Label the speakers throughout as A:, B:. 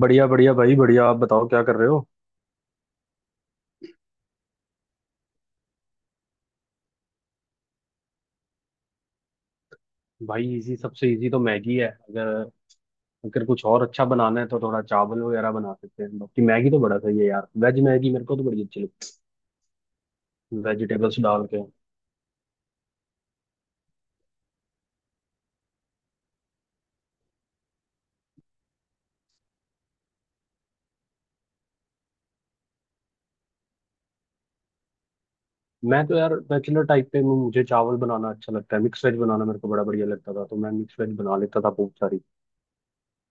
A: बढ़िया बढ़िया भाई बढ़िया। आप बताओ क्या कर रहे हो? भाई इजी, सबसे इजी तो मैगी है। अगर अगर कुछ और अच्छा बनाना है तो थोड़ा चावल वगैरह बना सकते हैं। बाकी मैगी तो बड़ा सही है यार, वेज मैगी मेरे को तो बड़ी अच्छी लगती है, वेजिटेबल्स डाल के। मैं तो यार बैचलर टाइप पे हूँ, मुझे चावल बनाना अच्छा लगता है। मिक्स वेज बनाना मेरे को बड़ा बढ़िया लगता था, तो मैं मिक्स वेज बना लेता था बहुत सारी।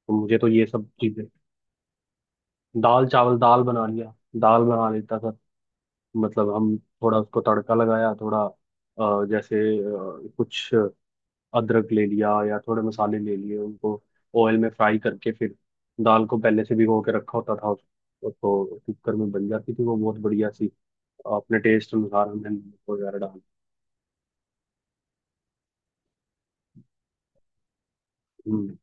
A: तो मुझे तो ये सब चीजें, दाल चावल, दाल बना लिया, दाल बना लेता था। मतलब हम थोड़ा उसको तड़का लगाया, थोड़ा जैसे कुछ अदरक ले लिया या थोड़े मसाले ले लिए, उनको ऑयल में फ्राई करके, फिर दाल को पहले से भिगो के रखा होता था तो कुकर में बन जाती थी वो बहुत बढ़िया सी। अपने टेस्ट अनुसार हमने नमक वगैरह डाल। हम्म,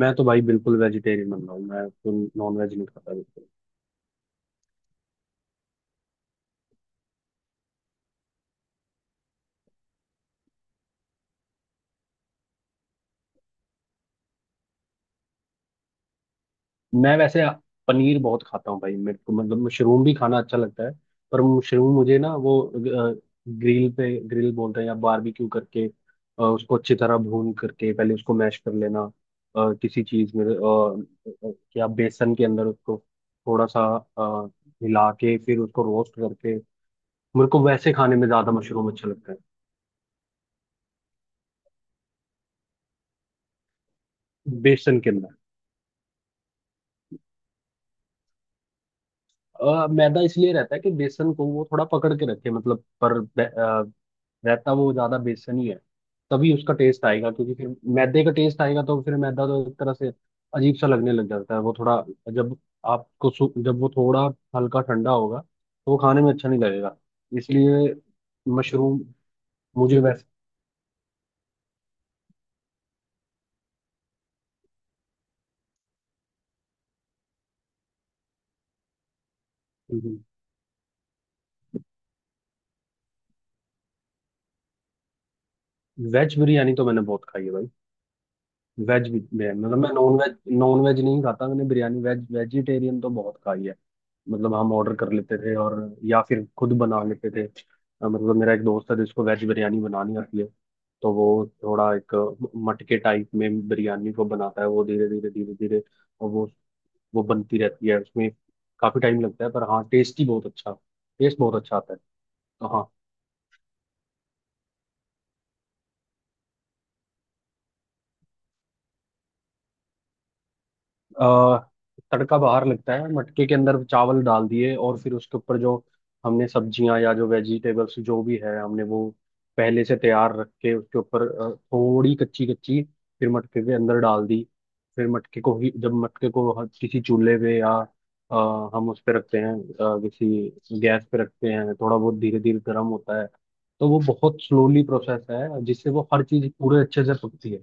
A: मैं तो भाई बिल्कुल वेजिटेरियन बन रहा हूँ, मैं तो नॉन वेज नहीं खाता बिल्कुल। मैं वैसे पनीर बहुत खाता हूँ भाई। मेरे को मतलब मशरूम भी खाना अच्छा लगता है, पर मशरूम मुझे ना वो ग्रिल पे, ग्रिल बोलते हैं, या बारबेक्यू करके उसको अच्छी तरह भून करके, पहले उसको मैश कर लेना किसी चीज में, या बेसन के अंदर उसको थोड़ा सा अ, मिला के फिर उसको रोस्ट करके, मेरे को वैसे खाने में ज्यादा मशरूम अच्छा लगता है। बेसन के अंदर। मैदा इसलिए रहता है कि बेसन को वो थोड़ा पकड़ के रखे, मतलब। पर रहता वो ज्यादा बेसन ही है, तभी उसका टेस्ट आएगा। क्योंकि फिर मैदे का टेस्ट आएगा तो फिर मैदा तो एक तरह से अजीब सा लगने लग जाता है वो थोड़ा, जब आपको जब वो थोड़ा हल्का ठंडा होगा तो वो खाने में अच्छा नहीं लगेगा, इसलिए। मशरूम मुझे वैसे, वेज बिरयानी तो मैंने बहुत खाई है भाई। वेज भी है, मतलब मैं नॉन वेज नहीं खाता। मैंने बिरयानी वेज, वेजिटेरियन तो बहुत खाई है। मतलब हम ऑर्डर कर लेते थे, और या फिर खुद बना लेते थे। मतलब मेरा एक दोस्त है जिसको वेज बिरयानी बनानी आती है। तो वो थोड़ा एक मटके टाइप में बिरयानी को बनाता है वो, धीरे धीरे धीरे धीरे, और वो बनती रहती है उसमें। काफी टाइम लगता है पर हाँ टेस्ट ही बहुत अच्छा, टेस्ट बहुत अच्छा आता है। अ, तड़का बाहर लगता है, मटके के अंदर चावल डाल दिए, और फिर उसके ऊपर जो हमने सब्जियां या जो वेजिटेबल्स जो भी है हमने वो पहले से तैयार रख के, उसके ऊपर थोड़ी कच्ची कच्ची, फिर मटके के अंदर डाल दी, फिर मटके को ही, जब मटके को किसी चूल्हे पे या अ, हम उस पे रखते हैं, किसी गैस पे रखते हैं, थोड़ा बहुत धीरे धीरे गर्म होता है। तो वो बहुत स्लोली प्रोसेस है जिससे वो हर चीज पूरे अच्छे से पकती है।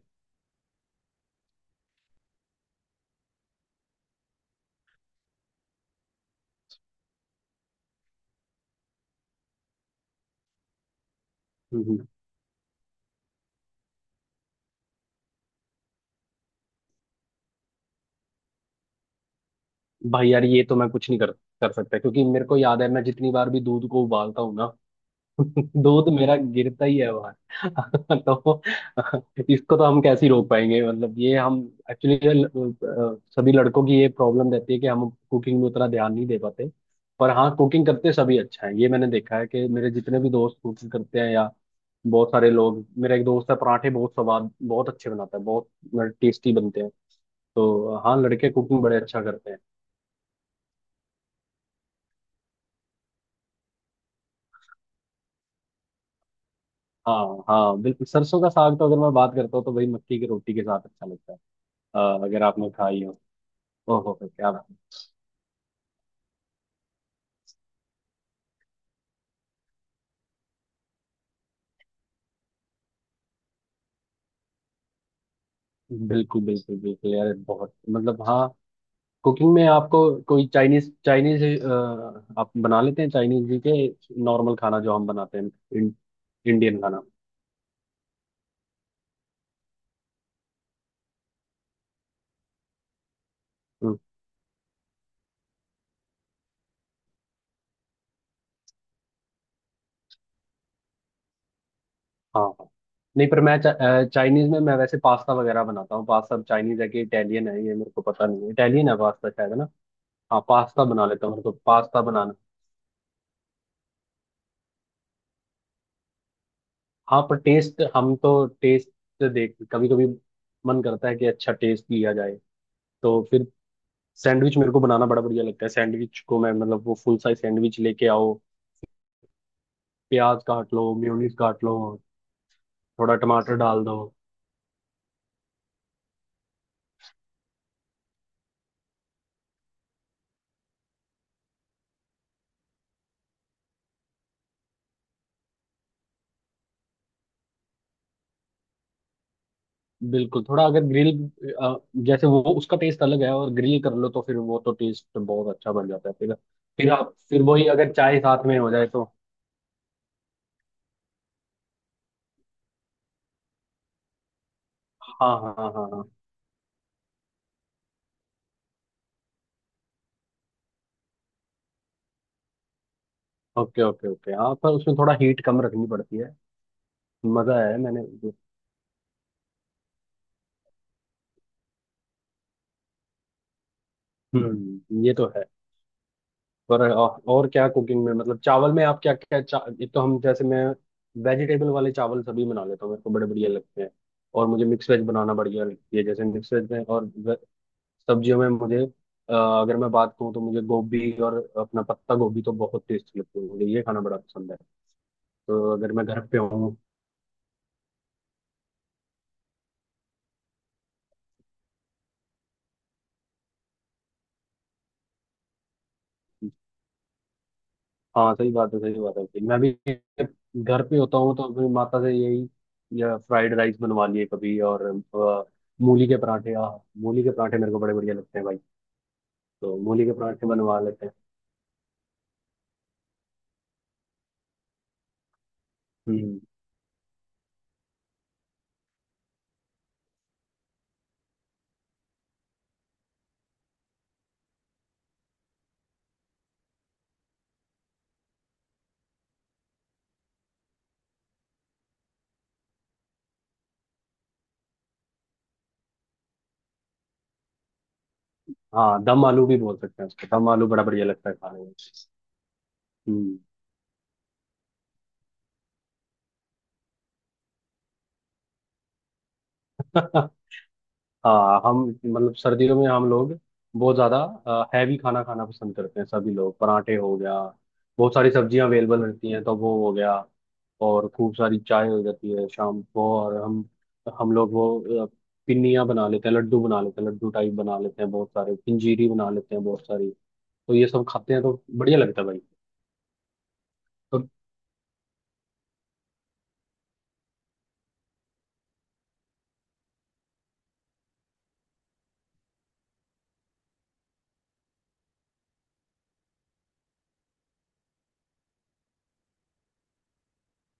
A: हम्म, हम्म। भाई यार ये तो मैं कुछ नहीं कर कर सकता, क्योंकि मेरे को याद है मैं जितनी बार भी दूध को उबालता हूँ ना दूध मेरा गिरता ही है बाहर। तो इसको तो हम कैसे ही रोक पाएंगे? मतलब ये हम, एक्चुअली सभी लड़कों की ये प्रॉब्लम रहती है कि हम कुकिंग में उतना ध्यान नहीं दे पाते। पर हाँ, कुकिंग करते सभी अच्छा है, ये मैंने देखा है कि मेरे जितने भी दोस्त कुकिंग करते हैं, या बहुत सारे लोग। मेरा एक दोस्त है, पराठे बहुत स्वाद, बहुत अच्छे बनाता है, बहुत टेस्टी बनते हैं। तो हाँ, लड़के कुकिंग बड़े अच्छा करते हैं। हाँ हाँ बिल्कुल, सरसों का साग तो अगर मैं बात करता हूँ तो भाई मक्की की रोटी के साथ अच्छा लगता है, अगर आपने खाई हो। ओहो क्या बात है। बिल्कुल बिल्कुल बिल्कुल यार, बहुत, मतलब हाँ, कुकिंग में आपको कोई चाइनीज, चाइनीज आप बना लेते हैं? चाइनीज जी के नॉर्मल खाना जो हम बनाते हैं, इं, इंडियन खाना। हम्म, हाँ हाँ। नहीं पर मैं चाइनीज में, मैं वैसे पास्ता वगैरह बनाता हूँ। पास्ता चाइनीज है कि इटालियन है, ये मेरे को पता नहीं है। इटालियन है पास्ता, शायद, है ना? हाँ पास्ता बना लेता हूँ, मेरे को पास्ता बनाना, हाँ पर टेस्ट, हम तो टेस्ट देख कभी कभी मन करता है कि अच्छा टेस्ट लिया जाए, तो फिर सैंडविच मेरे को बनाना बड़ा बढ़िया लगता है। सैंडविच को मैं मतलब वो फुल साइज सैंडविच लेके आओ, प्याज काट लो, मेयोनीज काट लो, थोड़ा टमाटर डाल दो। बिल्कुल, थोड़ा अगर ग्रिल, जैसे वो उसका टेस्ट अलग है, और ग्रिल कर लो तो फिर वो तो टेस्ट बहुत अच्छा बन जाता है फिर। फिर आप फिर वही अगर चाय साथ में हो जाए तो, हाँ हाँ हाँ हाँ हाँ। ओके ओके ओके, हाँ पर उसमें थोड़ा हीट कम रखनी पड़ती है। मजा है मैंने। हम्म, ये तो है। पर और क्या कुकिंग में, मतलब चावल में आप क्या क्या एक तो हम, जैसे मैं वेजिटेबल वाले चावल सभी बना लेता हूँ, मेरे को बड़े बढ़िया लगते हैं। और मुझे मिक्स वेज बनाना बढ़िया लगती है, जैसे मिक्स वेज में और सब्जियों में मुझे, अ, अगर मैं बात करूँ तो मुझे गोभी और अपना पत्ता गोभी तो बहुत टेस्टी लगती है, मुझे ये खाना बड़ा पसंद है। तो अगर मैं घर पे हूँ, हाँ सही बात है, सही बात है भाई। मैं भी घर पे होता हूँ तो अपनी माता से यही, या फ्राइड राइस बनवा लिए कभी, और अ, मूली के पराठे आ मूली के पराठे मेरे को बड़े बढ़िया लगते हैं भाई। तो मूली के पराठे बनवा लेते हैं। हम्म। हाँ दम आलू भी बोल सकते हैं उसको, दम आलू बड़ा बढ़िया लगता है खाने में। हम्म। हाँ हम, मतलब सर्दियों में हम लोग बहुत ज्यादा हैवी खाना खाना पसंद करते हैं सभी लोग। पराठे हो गया, बहुत सारी सब्जियां अवेलेबल रहती हैं तो वो हो गया, और खूब सारी चाय हो जाती है शाम को, और हम लोग वो पिन्नियाँ बना लेते हैं, लड्डू बना लेते हैं, लड्डू टाइप बना लेते हैं बहुत सारे, पंजीरी बना लेते हैं बहुत सारी, तो ये सब खाते हैं तो बढ़िया लगता है भाई। तो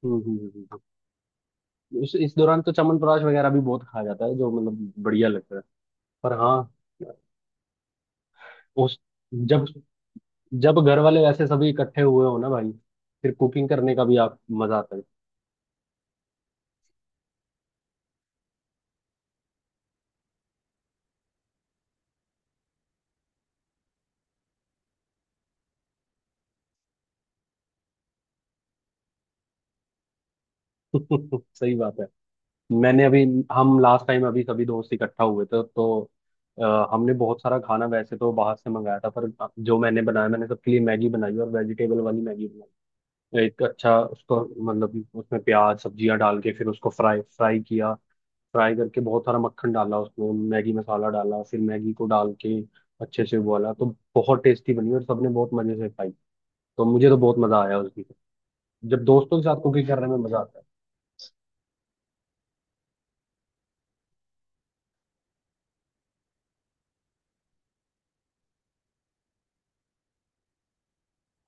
A: हम्म, हम्म, हम्म, हम्म। उस इस दौरान तो च्यवनप्राश वगैरह भी बहुत खाया जाता है, जो मतलब बढ़िया लगता है। पर हाँ, उस, जब, जब घर वाले वैसे सभी इकट्ठे हुए हो ना भाई, फिर कुकिंग करने का भी आप मजा आता है। सही बात है। मैंने अभी, हम लास्ट टाइम अभी सभी दोस्त इकट्ठा हुए थे, तो हमने बहुत सारा खाना वैसे तो बाहर से मंगाया था, पर जो मैंने बनाया, मैंने सबके लिए मैगी बनाई, और वेजिटेबल वाली मैगी बनाई। एक अच्छा उसको, मतलब उसमें प्याज सब्जियां डाल के फिर उसको फ्राई फ्राई किया, फ्राई करके बहुत सारा मक्खन डाला, उसमें मैगी मसाला डाला, फिर मैगी को डाल के अच्छे से उबाला, तो बहुत टेस्टी बनी और सबने बहुत मजे से खाई। तो मुझे तो बहुत मजा आया उसकी, जब दोस्तों के साथ कुकिंग करने में मजा आता है।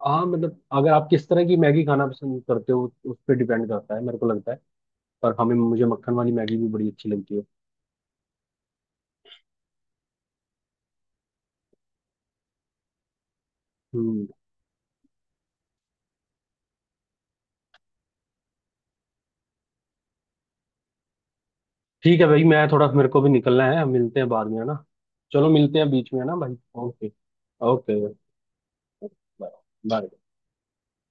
A: हाँ, मतलब अगर आप किस तरह की मैगी खाना पसंद करते हो उस पर डिपेंड करता है मेरे को लगता है। पर हमें, मुझे मक्खन वाली मैगी भी बड़ी अच्छी लगती है। हम्म। ठीक है भाई, मैं थोड़ा, मेरे को भी निकलना है, मिलते हैं बाद में, है ना? चलो मिलते हैं बीच में, है ना भाई? ओके। ओके। Bye bye.